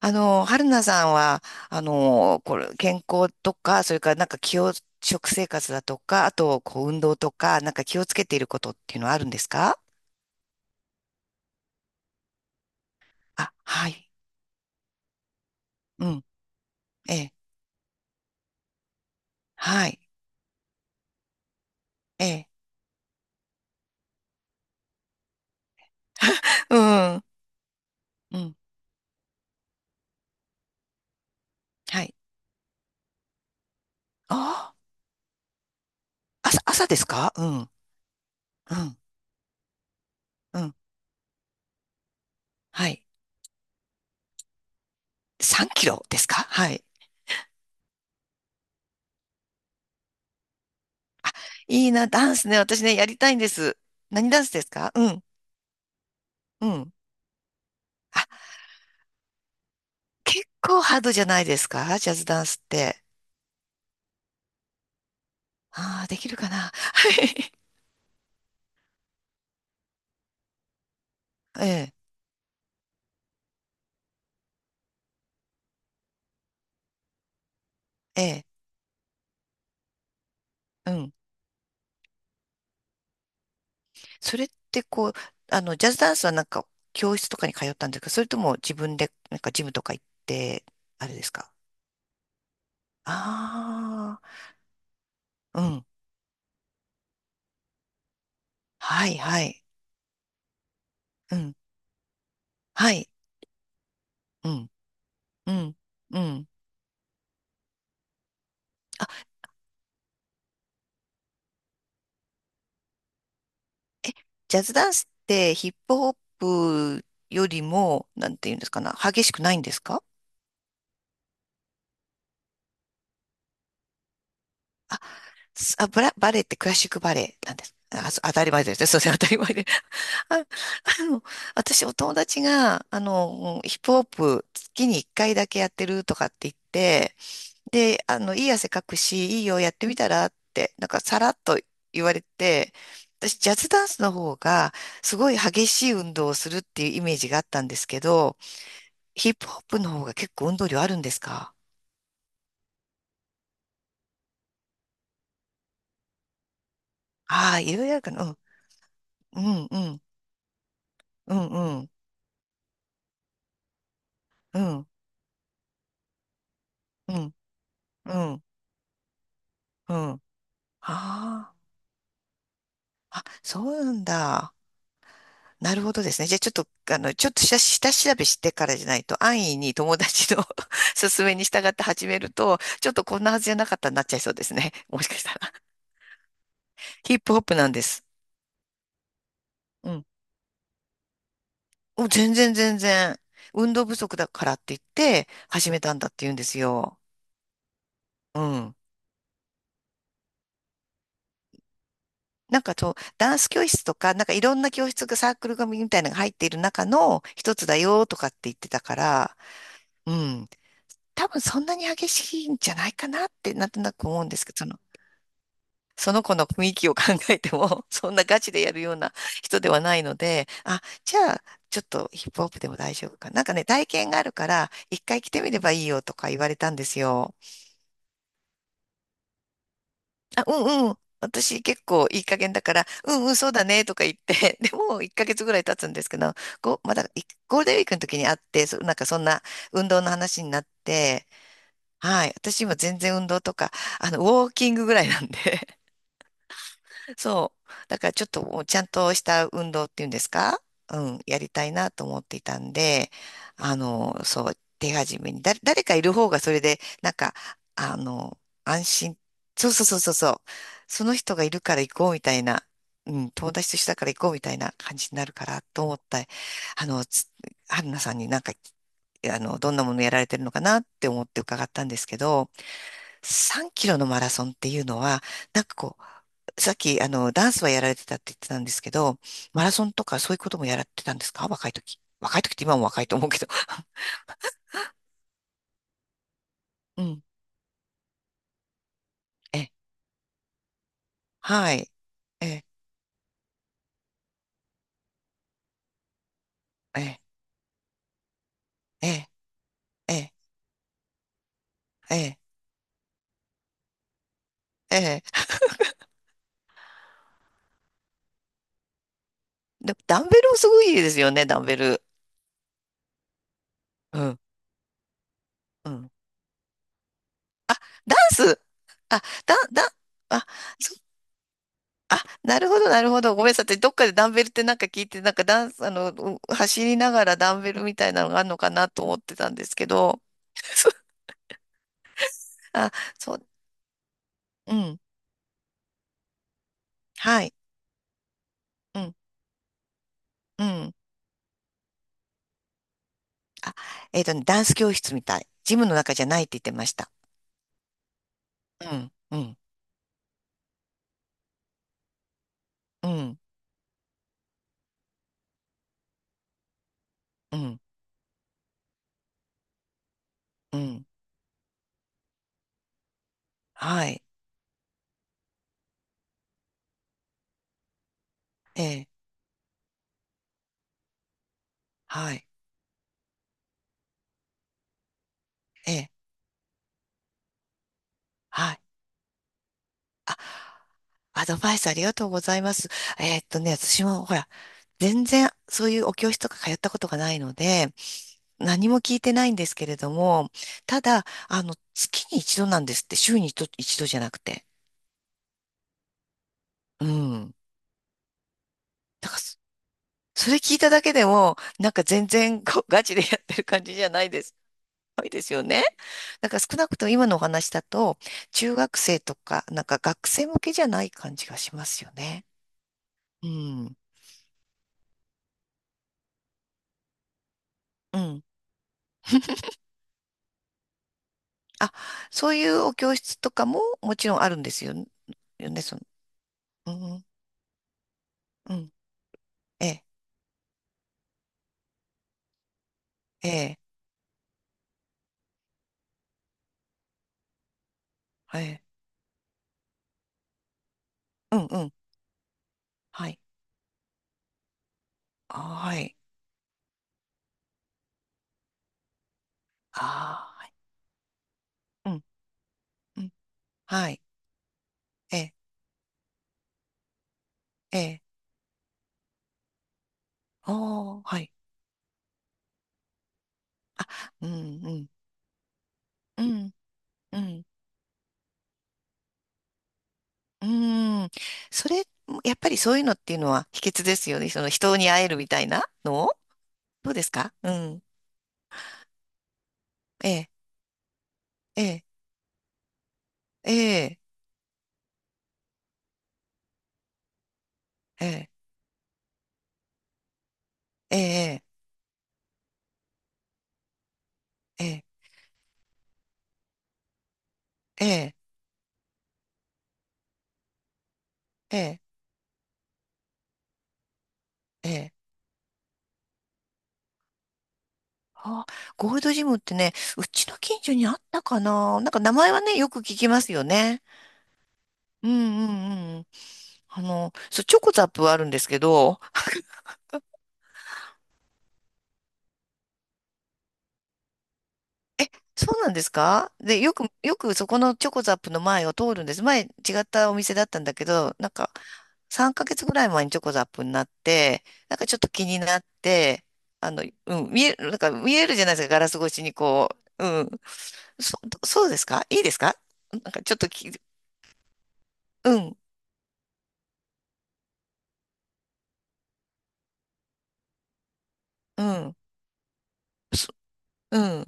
春菜さんは、これ、健康とか、それからなんか気を、食生活だとか、あと、運動とか、なんか気をつけていることっていうのはあるんですか？あ、はい。うん。ええ。はい。ええ。うん。うん。はい。ああ、朝ですか？うん。うん。うん。はい。3キロですか？はい。いいな、ダンスね。私ね、やりたいんです。何ダンスですか？うん。うん。あ、結構ハードじゃないですか、ジャズダンスって。ああ、できるかな。はい。ええ、ええ、うん。それってこう、ジャズダンスはなんか教室とかに通ったんですか？それとも自分でなんかジムとか行って、あれですか？あ、あー、うん。はい、はい。うん。はい。うん、うん、うん。あ、え、ジャズダンスってヒップホップよりも、なんていうんですかな、激しくないんですか？あ、すあ、ブラ、バレエってクラシックバレエなんです。あ、そ当たり前ですね。そうですね。当たり前で。あ、の、私、お友達が、ヒップホップ月に1回だけやってるとかって言って、で、いい汗かくし、いいよ、やってみたらって、なんかさらっと言われて、私、ジャズダンスの方が、すごい激しい運動をするっていうイメージがあったんですけど、ヒップホップの方が結構運動量あるんですか？ああ、いろいろあるかな。うん、うん、うん、うん、うん、うん、うん、うん。ああ、あ、そうなんだ。なるほどですね。じゃあちょっと、ちょっと下調べしてからじゃないと、安易に友達の 勧めに従って始めると、ちょっとこんなはずじゃなかったになっちゃいそうですね。もしかしたら。ヒップホップなんです。うん。お、全然。運動不足だからって言って、始めたんだって言うんですよ。うん。なんかそう、ダンス教室とか、なんかいろんな教室がサークル組みたいなのが入っている中の一つだよとかって言ってたから、うん。多分そんなに激しいんじゃないかなってなんとなく思うんですけど、その、その子の雰囲気を考えても、そんなガチでやるような人ではないので、あ、じゃあ、ちょっとヒップホップでも大丈夫かな。なんかね、体験があるから、一回来てみればいいよとか言われたんですよ。あ、うんうん。私結構いい加減だから、うんうん、そうだねとか言って、でも1ヶ月ぐらい経つんですけど、こう、まだいゴールデンウィークの時に会って、なんかそんな運動の話になって、はい。私今全然運動とか、ウォーキングぐらいなんで、そう。だからちょっともうちゃんとした運動っていうんですか？うん、やりたいなと思っていたんで、そう、手始めに、誰かいる方がそれで、なんか、あの、安心、そうそうそうそうそう、その人がいるから行こうみたいな、うん、友達と一緒だから行こうみたいな感じになるからと思った、あの、つ春菜さんになんか、どんなものやられてるのかなって思って伺ったんですけど、3キロのマラソンっていうのは、なんかこさっき、ダンスはやられてたって言ってたんですけど、マラソンとかそういうこともやられてたんですか？若い時。若い時って今も若いと思うけど。うん。え、はい。え、え、え、え、え、え、え。でも、ダンベルもすごいいですよね、ダンベル。うん、うん。ダンス、あ、だ、だ、あ、あ、なるほど、なるほど。ごめんなさい。私どっかでダンベルってなんか聞いて、なんかダンス、走りながらダンベルみたいなのがあるのかなと思ってたんですけど。そう。あ、そう、うん。はい。うん、うん。あ、えっとね、ダンス教室みたい。ジムの中じゃないって言ってました。うん、うん、うん、うん、うん。はい。ええ、はい。ええ、はい。アドバイスありがとうございます。私もほら、全然そういうお教室とか通ったことがないので、何も聞いてないんですけれども、ただ、月に一度なんですって、週に一度、一度じゃなくて。うん。だからそ、それ聞いただけでも、なんか全然こうガチでやってる感じじゃないです。ないですよね。だから少なくとも今のお話だと、中学生とか、なんか学生向けじゃない感じがしますよね。うん。うん。あ、そういうお教室とかももちろんあるんですよ、よね、その、うん、うん、ええ、ええ、はい、うん、うん、はい、あ、はい、あ、はい、うん、うん、はい、ええ、ええ、おー、はい、うん、うん、うん、うん、うん、それ、やっぱりそういうのっていうのは秘訣ですよね、その人に会えるみたいなの。どうですか？うん、ええ、ええ、ええ、ええ、ええ、ええ、ええ、ええ、ええ。あ、ゴールドジムってね、うちの近所にあったかな。なんか名前はね、よく聞きますよね。うんうんうん。そう、チョコザップはあるんですけど、そうなんですか？で、よく、よくそこのチョコザップの前を通るんです。前違ったお店だったんだけど、なんか3ヶ月ぐらい前にチョコザップになって、なんかちょっと気になって、うん、見える、なんか見えるじゃないですか、ガラス越しにこう。うん。そ、そうですか？いいですか？なんかちょっとき、うん、うん。うん。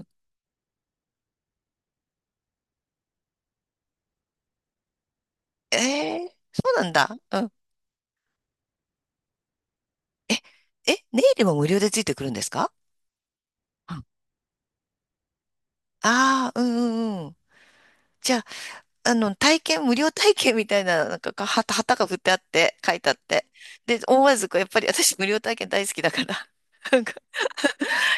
ええ、そうなんだ。うん。え、え、ネイルも無料でついてくるんですか？あ、あー、うんうんうん。じゃあ、体験、無料体験みたいな、なんか、旗が振ってあって、書いてあって。で、思わず、こうやっぱり私、無料体験大好きだから、なんか、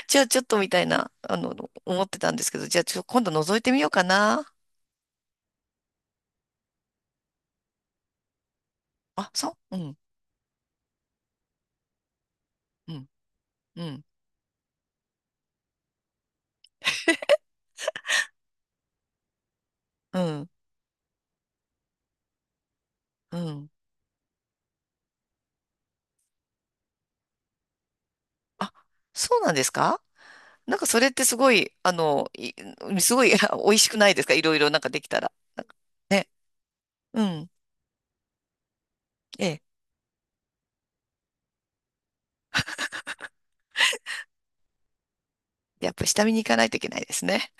じゃあ、ちょっとみたいな、思ってたんですけど、じゃあ、今度覗いてみようかな。あ、そううん、うん、うん、うん、うん。あ、そうなんですか？なんかそれってすごい、すごい 美味しくないですか？いろいろなんかできたら。ね。うん。ええ。やっぱ下見に行かないといけないですね。